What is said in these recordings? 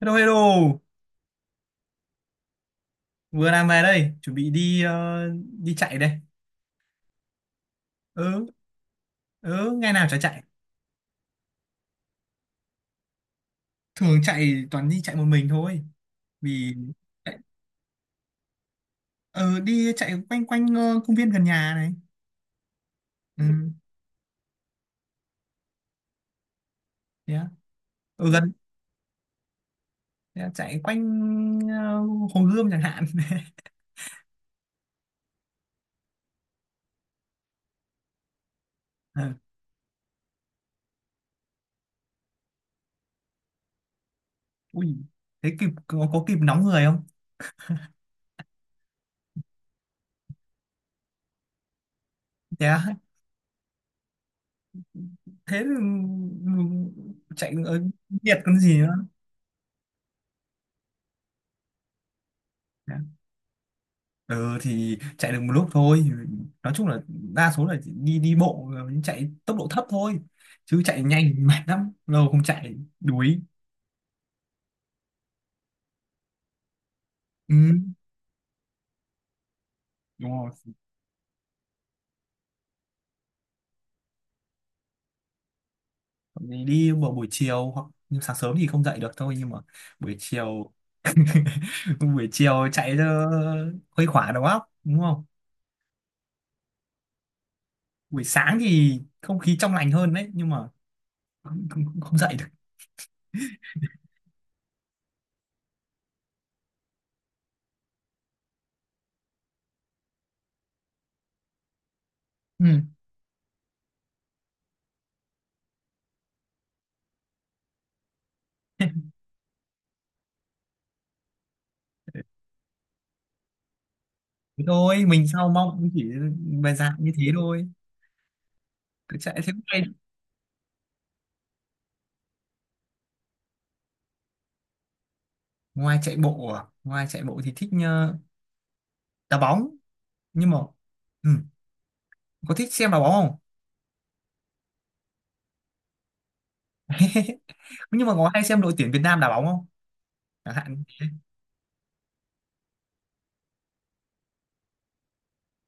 Hello, hello. Vừa làm về đây, chuẩn bị đi đi chạy đây. Ừ, ừ, ngày nào chả chạy. Thường chạy toàn đi chạy một mình thôi. Vì chạy- ừ, đi chạy quanh quanh công viên gần nhà này. Ừ, thế á. Ừ, gần thế á, chạy quanh ờ, Hồ Gươm chẳng hạn. Ờ, ui, thế kịp có kịp nóng người không? Thế á. Thế thì, ừ, chạy nhiệt còn gì nữa. Ừ, thì chạy được một lúc thôi. Nói chung là đa số là đi đi bộ, chạy tốc độ thấp thôi, chứ chạy nhanh mệt lắm, lâu không chạy đuối. Ừ, đúng rồi. Còn thì đi vào buổi chiều, hoặc nhưng sáng sớm thì không dậy được thôi, nhưng mà buổi chiều. Buổi chiều chạy cho khuây khỏa đầu óc, đúng không? Buổi sáng thì không khí trong lành hơn đấy, nhưng mà không dậy được. Ừ. Thế thôi mình sau mong cũng chỉ bài dạng như thế thôi, cứ chạy thế này. Ngoài chạy bộ à? Ngoài chạy bộ thì thích đá bóng. Nhưng mà ừ, có thích xem đá bóng không? Nhưng mà có hay xem đội tuyển Việt Nam đá bóng không, chẳng hạn?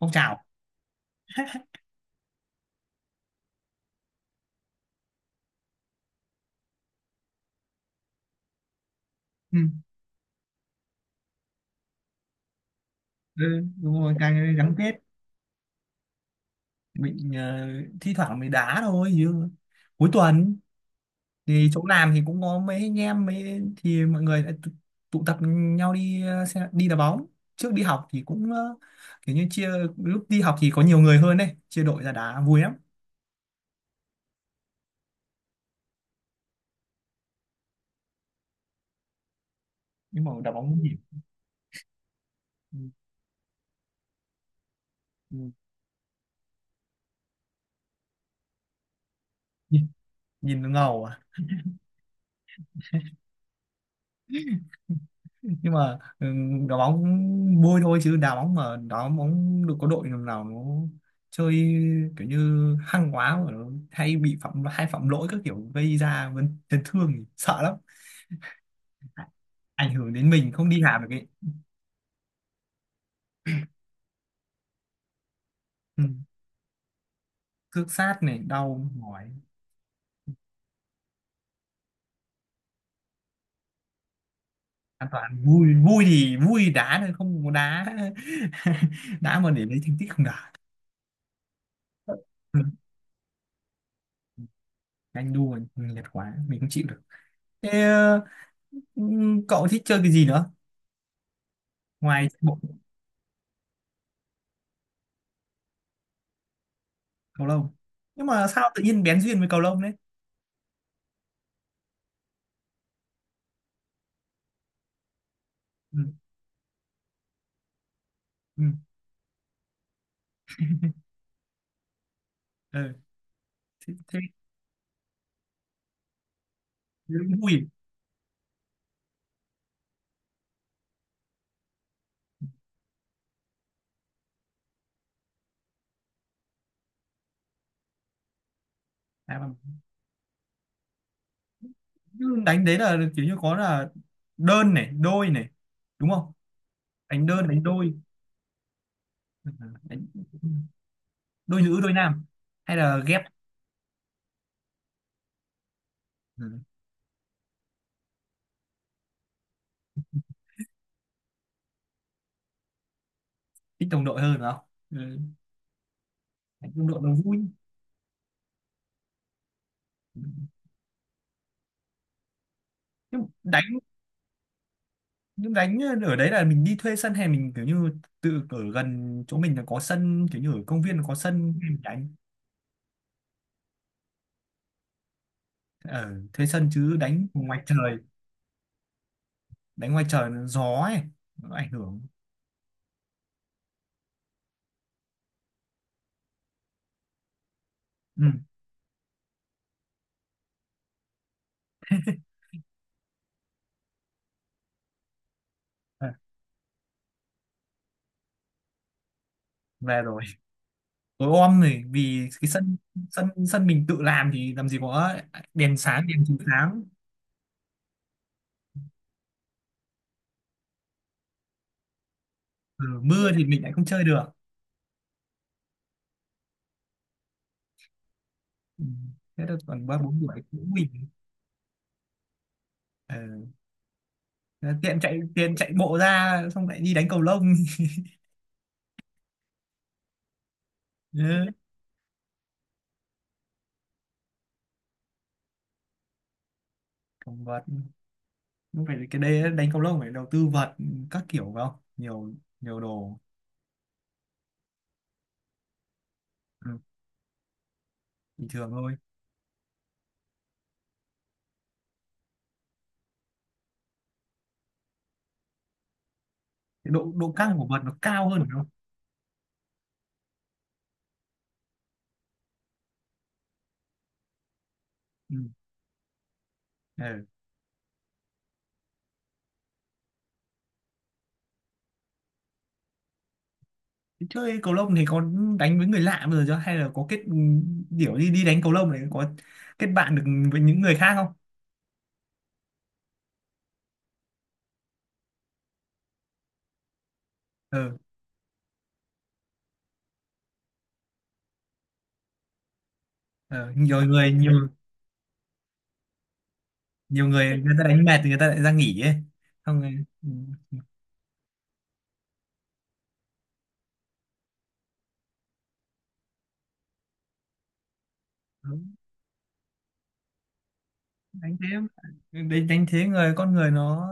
Phong trào. Ừ. Ừ, đúng rồi, càng gắn kết. Mình thi thoảng mình đá thôi chứ cuối tuần. Thì chỗ làm thì cũng có mấy anh em mấy thì mọi người lại tụ tập nhau đi xe, đi đá bóng. Trước đi học thì cũng kiểu như chia. Lúc đi học thì có nhiều người hơn đấy, chia đội ra đá vui lắm. Nhưng mà đá bóng cũng nhỉ. Ừ. Ừ. Nhìn ngầu à. Nhưng mà đá bóng vui thôi, chứ đá bóng mà đá bóng được có đội nào nào nó chơi kiểu như hăng quá mà nó hay bị phạm hay phạm lỗi các kiểu gây ra chấn thương thì sợ lắm. Ảnh hưởng đến mình không đi làm được ấy. Ừ. Cước sát này đau mỏi. An toàn, vui vui thì vui đá thôi, không có đá. Đá mà để lấy thành tích không đá. Ừ. Anh đua nhạt quá mình không chịu được. Thế, ừ, cậu thích chơi cái gì nữa? Ngoài bộ. Cầu lông. Nhưng mà sao tự nhiên bén duyên với cầu lông đấy? Ừ, ừ, ừ. thế thế cũng vui. À, mà cứ đánh đấy là kiểu như có là đơn này đôi này, đúng không? Đánh đơn đánh đôi. Ừ, đánh đôi nữ đôi nam hay là ghép. Ừ. Thích đồng đội hơn phải không? Ừ. Đánh đồng đội nó vui. Ừ. nhưng đánh nhưng đánh ở đấy là mình đi thuê sân hay mình kiểu như tự ở gần chỗ mình là có sân, kiểu như ở công viên là có sân mình đánh. Ở thuê sân chứ đánh ngoài trời. Đấy ngoài trời nó gió ấy, nó ảnh hưởng. Ừ. À, về rồi, tối om này. Vì cái sân sân sân mình tự làm thì làm gì có đèn sáng đèn chiếu sáng. Ừ, mưa thì mình lại không chơi được. Ừ. Thế là còn ba bốn buổi cũng mình. Ừ. Tiện chạy tiện chạy bộ ra xong lại đi đánh cầu lông. Ừ. Còn vật, không phải cái đây đánh cầu lông phải đầu tư vật các kiểu phải không, nhiều nhiều đồ. Ừ. Bình thường thôi. Cái độ độ căng của vật nó cao hơn phải không? Ừ. Ừ. Chơi cầu lông thì có đánh với người lạ bao giờ chưa, hay là có kết điểu đi đi đánh cầu lông để có kết bạn được với những người khác không? Ừ, ừ. Nhiều người nhiều nhiều người người ta đánh mệt thì người ta lại ra nghỉ ấy. Xong rồi ừ. Đúng, đánh thế đánh thế người con người nó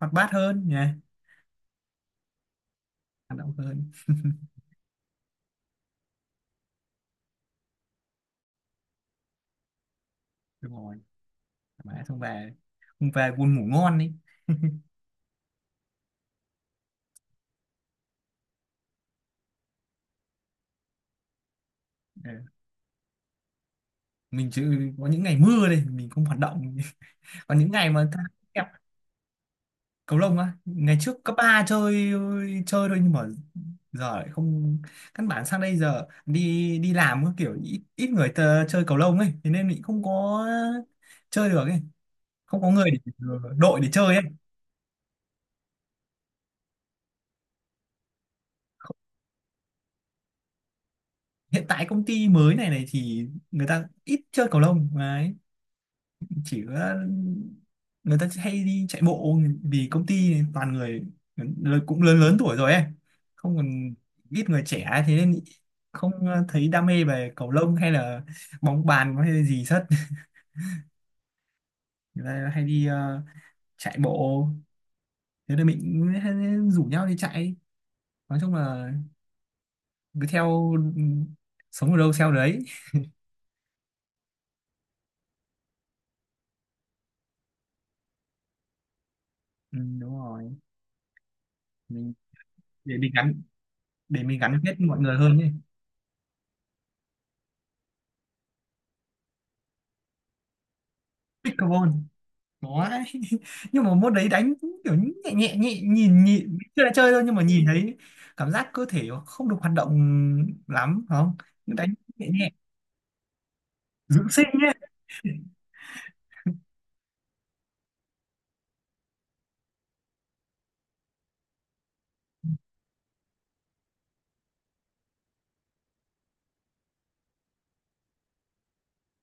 hoạt bát hơn nhỉ. Hoạt động hơn. Đúng rồi mà xong về không, về buồn ngủ ngon đi. Ừ. Mình chứ có những ngày mưa đây mình không hoạt động. Còn những ngày mà cầu lông á, ngày trước cấp 3 chơi chơi thôi, nhưng mà giờ lại không. Căn bản sang đây giờ đi đi làm có kiểu ít người tờ, chơi cầu lông ấy, thế nên mình không có chơi được ấy. Không có người để, đội để chơi ấy. Hiện tại công ty mới này này thì người ta ít chơi cầu lông đấy. Chỉ có người ta hay đi chạy bộ vì công ty toàn người cũng lớn lớn tuổi rồi ấy. Không còn ít người trẻ thế nên không thấy đam mê về cầu lông hay là bóng bàn hay là gì hết. Người ta hay đi chạy bộ, thế nên mình cũng hay rủ nhau đi chạy. Nói chung là cứ theo sống ở đâu theo đấy. Ừ, đúng rồi. Mình để mình gắn để mình gắn kết mọi người hơn ấy. Pickleball. Có đấy. Nhưng mà môn đấy đánh cũng kiểu nhẹ nhẹ nhẹ, nhìn nhìn chưa là chơi thôi, nhưng mà nhìn thấy cảm giác cơ thể nó không được hoạt động lắm phải không? Đánh nhẹ nhẹ dưỡng sinh nhé.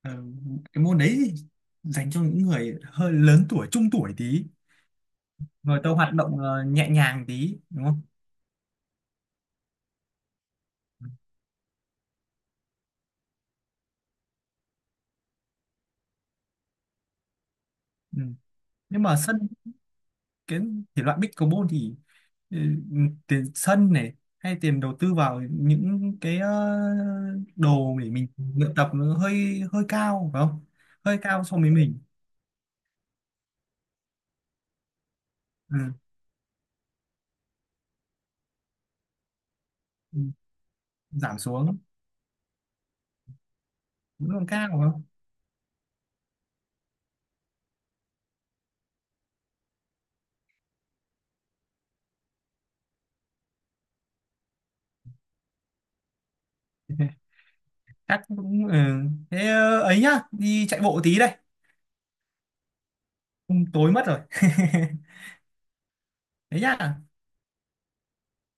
Ờ, cái môn đấy thì dành cho những người hơi lớn tuổi trung tuổi tí. Người ta hoạt động nhẹ nhàng tí đúng không? Ừ. Nhưng mà sân, cái thể loại pickleball thì ừ, tiền sân này hay tiền đầu tư vào những cái đồ để mình luyện tập nó hơi hơi cao phải không? Hơi cao so với mình. Ừ. Ừ, giảm xuống. Vẫn còn cao phải không? Chắc cũng ừ. Thế ấy nhá, đi chạy bộ tí đây. Ừ, tối mất rồi. Thế nhá.